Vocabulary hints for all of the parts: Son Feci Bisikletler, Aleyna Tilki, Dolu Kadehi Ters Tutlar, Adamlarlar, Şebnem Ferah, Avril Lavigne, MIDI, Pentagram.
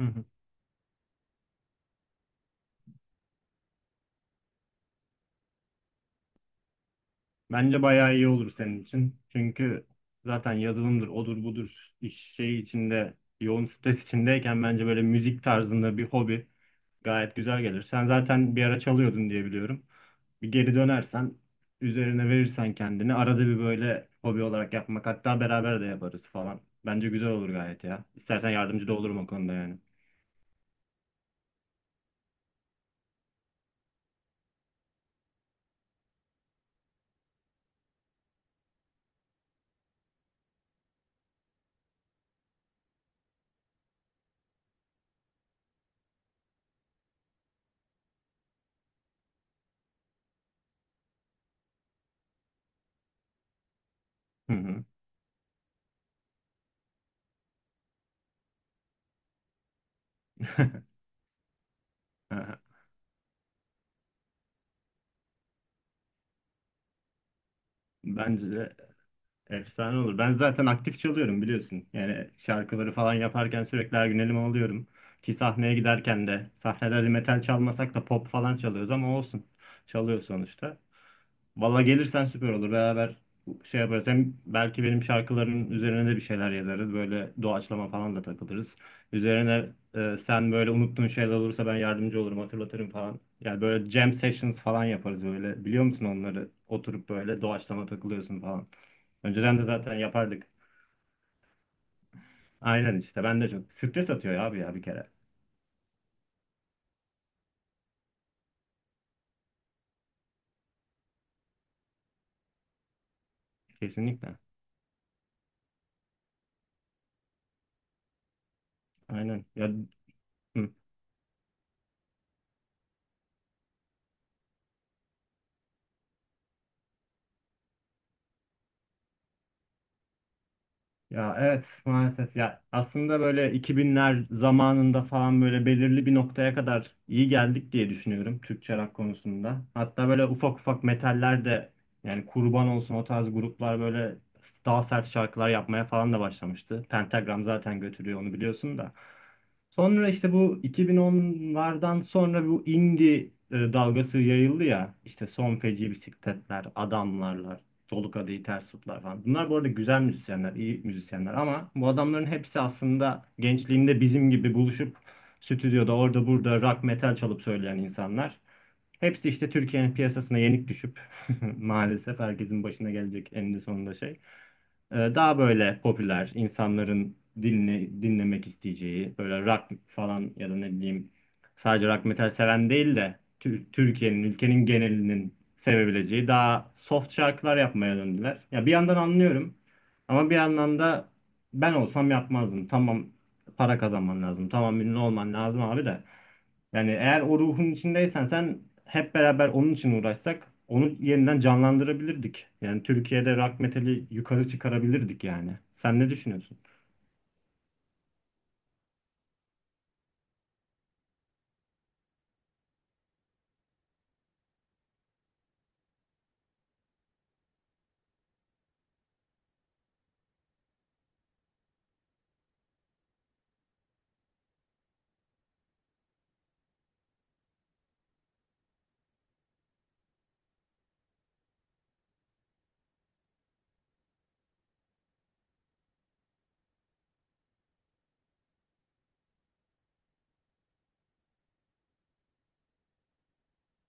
Hı hı. Bence bayağı iyi olur senin için. Çünkü zaten yazılımdır, odur budur iş şey içinde, yoğun stres içindeyken bence böyle müzik tarzında bir hobi gayet güzel gelir. Sen zaten bir ara çalıyordun diye biliyorum. Bir geri dönersen, üzerine verirsen kendini arada bir böyle hobi olarak yapmak hatta beraber de yaparız falan. Bence güzel olur gayet ya. İstersen yardımcı da olurum o konuda yani. Hı hı. Bence de efsane olur. Ben zaten aktif çalıyorum biliyorsun. Yani şarkıları falan yaparken sürekli her gün elime alıyorum. Ki sahneye giderken de sahnelerde metal çalmasak da pop falan çalıyoruz ama olsun. Çalıyor sonuçta. Valla gelirsen süper olur. Beraber şey yaparız. Hem belki benim şarkıların üzerine de bir şeyler yazarız. Böyle doğaçlama falan da takılırız. Üzerine sen böyle unuttuğun şeyler olursa ben yardımcı olurum, hatırlatırım falan. Yani böyle jam sessions falan yaparız böyle. Biliyor musun onları? Oturup böyle doğaçlama takılıyorsun falan. Önceden de zaten yapardık. Aynen işte. Ben de çok stres atıyor ya abi ya bir kere. Kesinlikle. Aynen ya. Ya evet maalesef ya, aslında böyle 2000'ler zamanında falan böyle belirli bir noktaya kadar iyi geldik diye düşünüyorum Türkçe rock konusunda. Hatta böyle ufak ufak metaller de, yani kurban olsun, o tarz gruplar böyle daha sert şarkılar yapmaya falan da başlamıştı. Pentagram zaten götürüyor onu biliyorsun da. Sonra işte bu 2010'lardan sonra bu indie dalgası yayıldı ya. İşte Son Feci Bisikletler, Adamlarlar. Dolu Kadehi Ters Tutlar falan. Bunlar bu arada güzel müzisyenler, iyi müzisyenler ama bu adamların hepsi aslında gençliğinde bizim gibi buluşup stüdyoda orada burada rock metal çalıp söyleyen insanlar. Hepsi işte Türkiye'nin piyasasına yenik düşüp maalesef herkesin başına gelecek eninde sonunda şey. Daha böyle popüler insanların dinlemek isteyeceği böyle rock falan ya da ne bileyim sadece rock metal seven değil de Türkiye'nin ülkenin genelinin sevebileceği daha soft şarkılar yapmaya döndüler. Ya bir yandan anlıyorum ama bir yandan da ben olsam yapmazdım. Tamam, para kazanman lazım. Tamam ünlü olman lazım abi de. Yani eğer o ruhun içindeysen, sen hep beraber onun için uğraşsak onu yeniden canlandırabilirdik. Yani Türkiye'de rock metali yukarı çıkarabilirdik yani. Sen ne düşünüyorsun?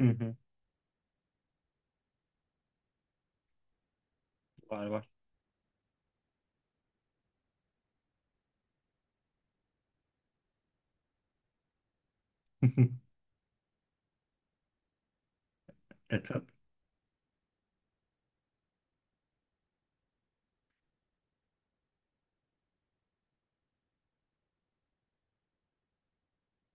Hı hı. Var var. E tabii.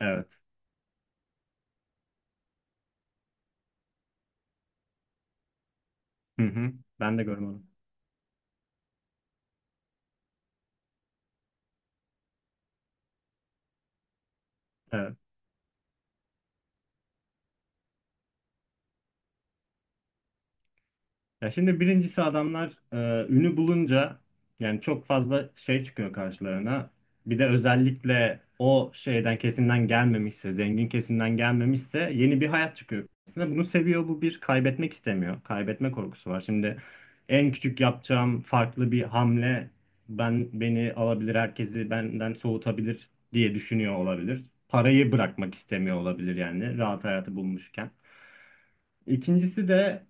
Evet. Hı hı. Ben de görmedim. Evet. Ya şimdi birincisi adamlar ünü bulunca yani çok fazla şey çıkıyor karşılarına. Bir de özellikle o şeyden kesimden gelmemişse, zengin kesimden gelmemişse yeni bir hayat çıkıyor karşısına. Bunu seviyor, bu bir kaybetmek istemiyor. Kaybetme korkusu var. Şimdi en küçük yapacağım farklı bir hamle ben beni alabilir, herkesi benden soğutabilir diye düşünüyor olabilir. Parayı bırakmak istemiyor olabilir yani rahat hayatı bulmuşken. İkincisi de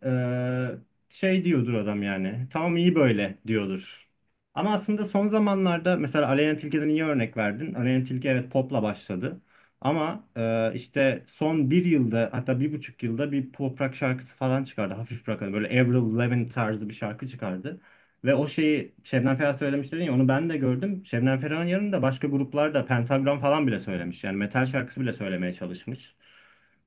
şey diyordur adam yani. Tamam iyi böyle diyordur. Ama aslında son zamanlarda mesela Aleyna Tilki'den iyi örnek verdin. Aleyna Tilki evet popla başladı. Ama işte son bir yılda hatta bir buçuk yılda bir pop rock şarkısı falan çıkardı. Hafif rock, hani böyle Avril Lavigne tarzı bir şarkı çıkardı. Ve o şeyi Şebnem Ferah söylemiş dedin ya, onu ben de gördüm. Şebnem Ferah'ın yanında başka gruplar da, Pentagram falan bile söylemiş. Yani metal şarkısı bile söylemeye çalışmış.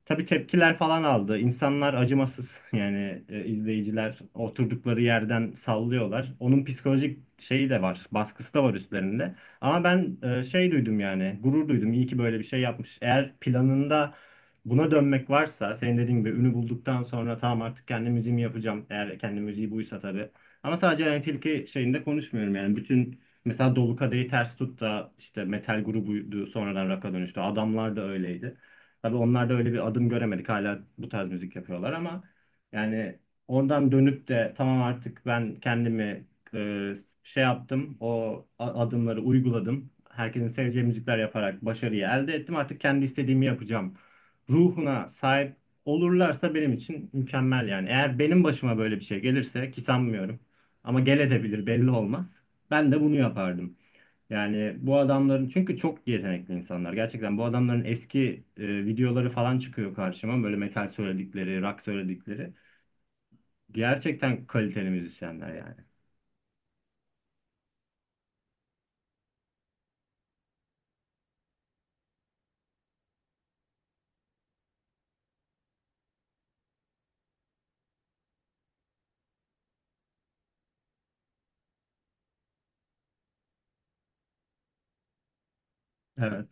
Tabii tepkiler falan aldı. İnsanlar acımasız. Yani izleyiciler oturdukları yerden sallıyorlar. Onun psikolojik şeyi de var, baskısı da var üstlerinde. Ama ben şey duydum yani, gurur duydum. İyi ki böyle bir şey yapmış. Eğer planında buna dönmek varsa, senin dediğin gibi ünü bulduktan sonra tamam artık kendi müziğimi yapacağım. Eğer kendi müziği buysa tabii. Ama sadece yani tilki şeyinde konuşmuyorum yani. Bütün, mesela Dolu Kadehi Ters Tut da işte metal grubuydu sonradan rock'a dönüştü. Adamlar da öyleydi. Tabii onlar da öyle bir adım göremedik. Hala bu tarz müzik yapıyorlar ama yani oradan dönüp de tamam artık ben kendimi e, şey yaptım. O adımları uyguladım. Herkesin seveceği müzikler yaparak başarıyı elde ettim. Artık kendi istediğimi yapacağım. Ruhuna sahip olurlarsa benim için mükemmel yani. Eğer benim başıma böyle bir şey gelirse, ki sanmıyorum ama gel edebilir, belli olmaz. Ben de bunu yapardım. Yani bu adamların, çünkü çok yetenekli insanlar. Gerçekten bu adamların eski videoları falan çıkıyor karşıma. Böyle metal söyledikleri, rock söyledikleri. Gerçekten kaliteli müzisyenler yani. Evet.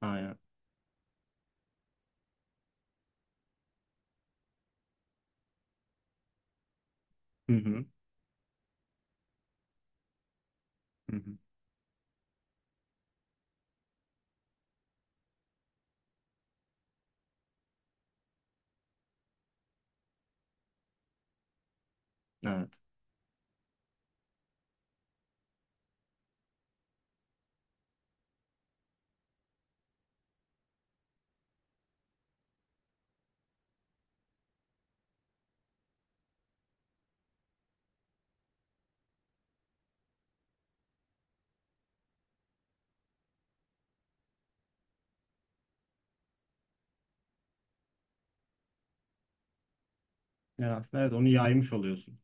Aynen. Hı hı. Hı hı. Evet. Yani aslında evet onu yaymış oluyorsun.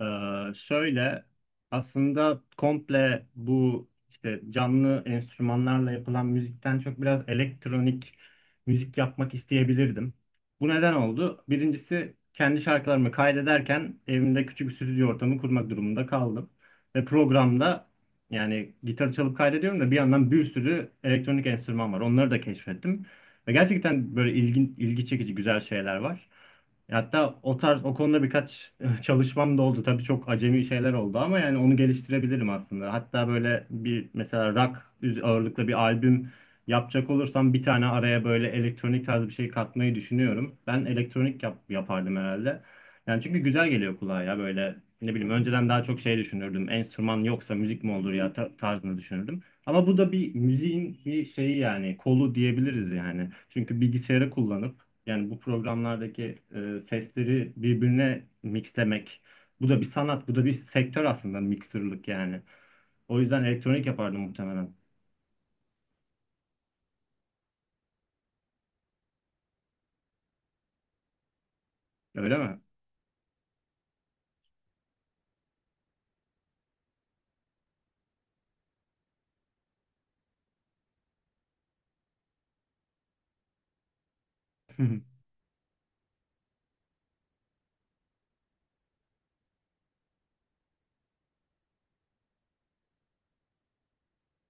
Şöyle aslında komple bu işte canlı enstrümanlarla yapılan müzikten çok biraz elektronik müzik yapmak isteyebilirdim. Bu neden oldu? Birincisi kendi şarkılarımı kaydederken evimde küçük bir stüdyo ortamı kurmak durumunda kaldım. Ve programda yani gitar çalıp kaydediyorum da bir yandan bir sürü elektronik enstrüman var. Onları da keşfettim. Ve gerçekten böyle ilgi çekici güzel şeyler var. Hatta o tarz o konuda birkaç çalışmam da oldu. Tabii çok acemi şeyler oldu ama yani onu geliştirebilirim aslında. Hatta böyle bir mesela rock ağırlıklı bir albüm yapacak olursam bir tane araya böyle elektronik tarz bir şey katmayı düşünüyorum. Ben elektronik yapardım herhalde. Yani çünkü güzel geliyor kulağa ya böyle ne bileyim önceden daha çok şey düşünürdüm. Enstrüman yoksa müzik mi olur ya tarzını düşünürdüm. Ama bu da bir müziğin bir şeyi, yani kolu diyebiliriz yani. Çünkü bilgisayarı kullanıp yani bu programlardaki sesleri birbirine mixlemek. Bu da bir sanat, bu da bir sektör aslında, mixerlık yani. O yüzden elektronik yapardım muhtemelen. Öyle mi?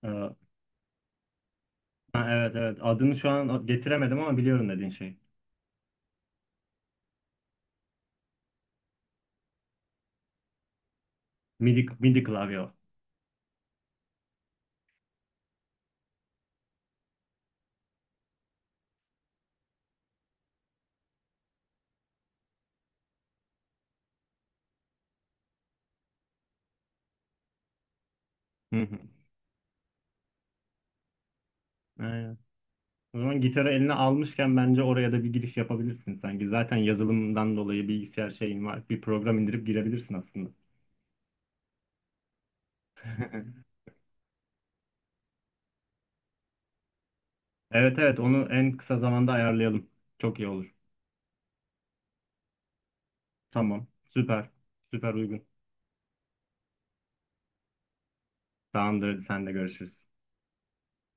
Ee, ha, evet evet. Adını şu an getiremedim ama biliyorum dediğin şey. MIDI, MIDI klavye. Hı hı. Aynen. O zaman gitarı eline almışken bence oraya da bir giriş yapabilirsin sanki. Zaten yazılımdan dolayı bilgisayar şeyin var. Bir program indirip girebilirsin aslında. Evet evet onu en kısa zamanda ayarlayalım. Çok iyi olur. Tamam. Süper. Süper uygun. Tamamdır. Hadi, sen de görüşürüz.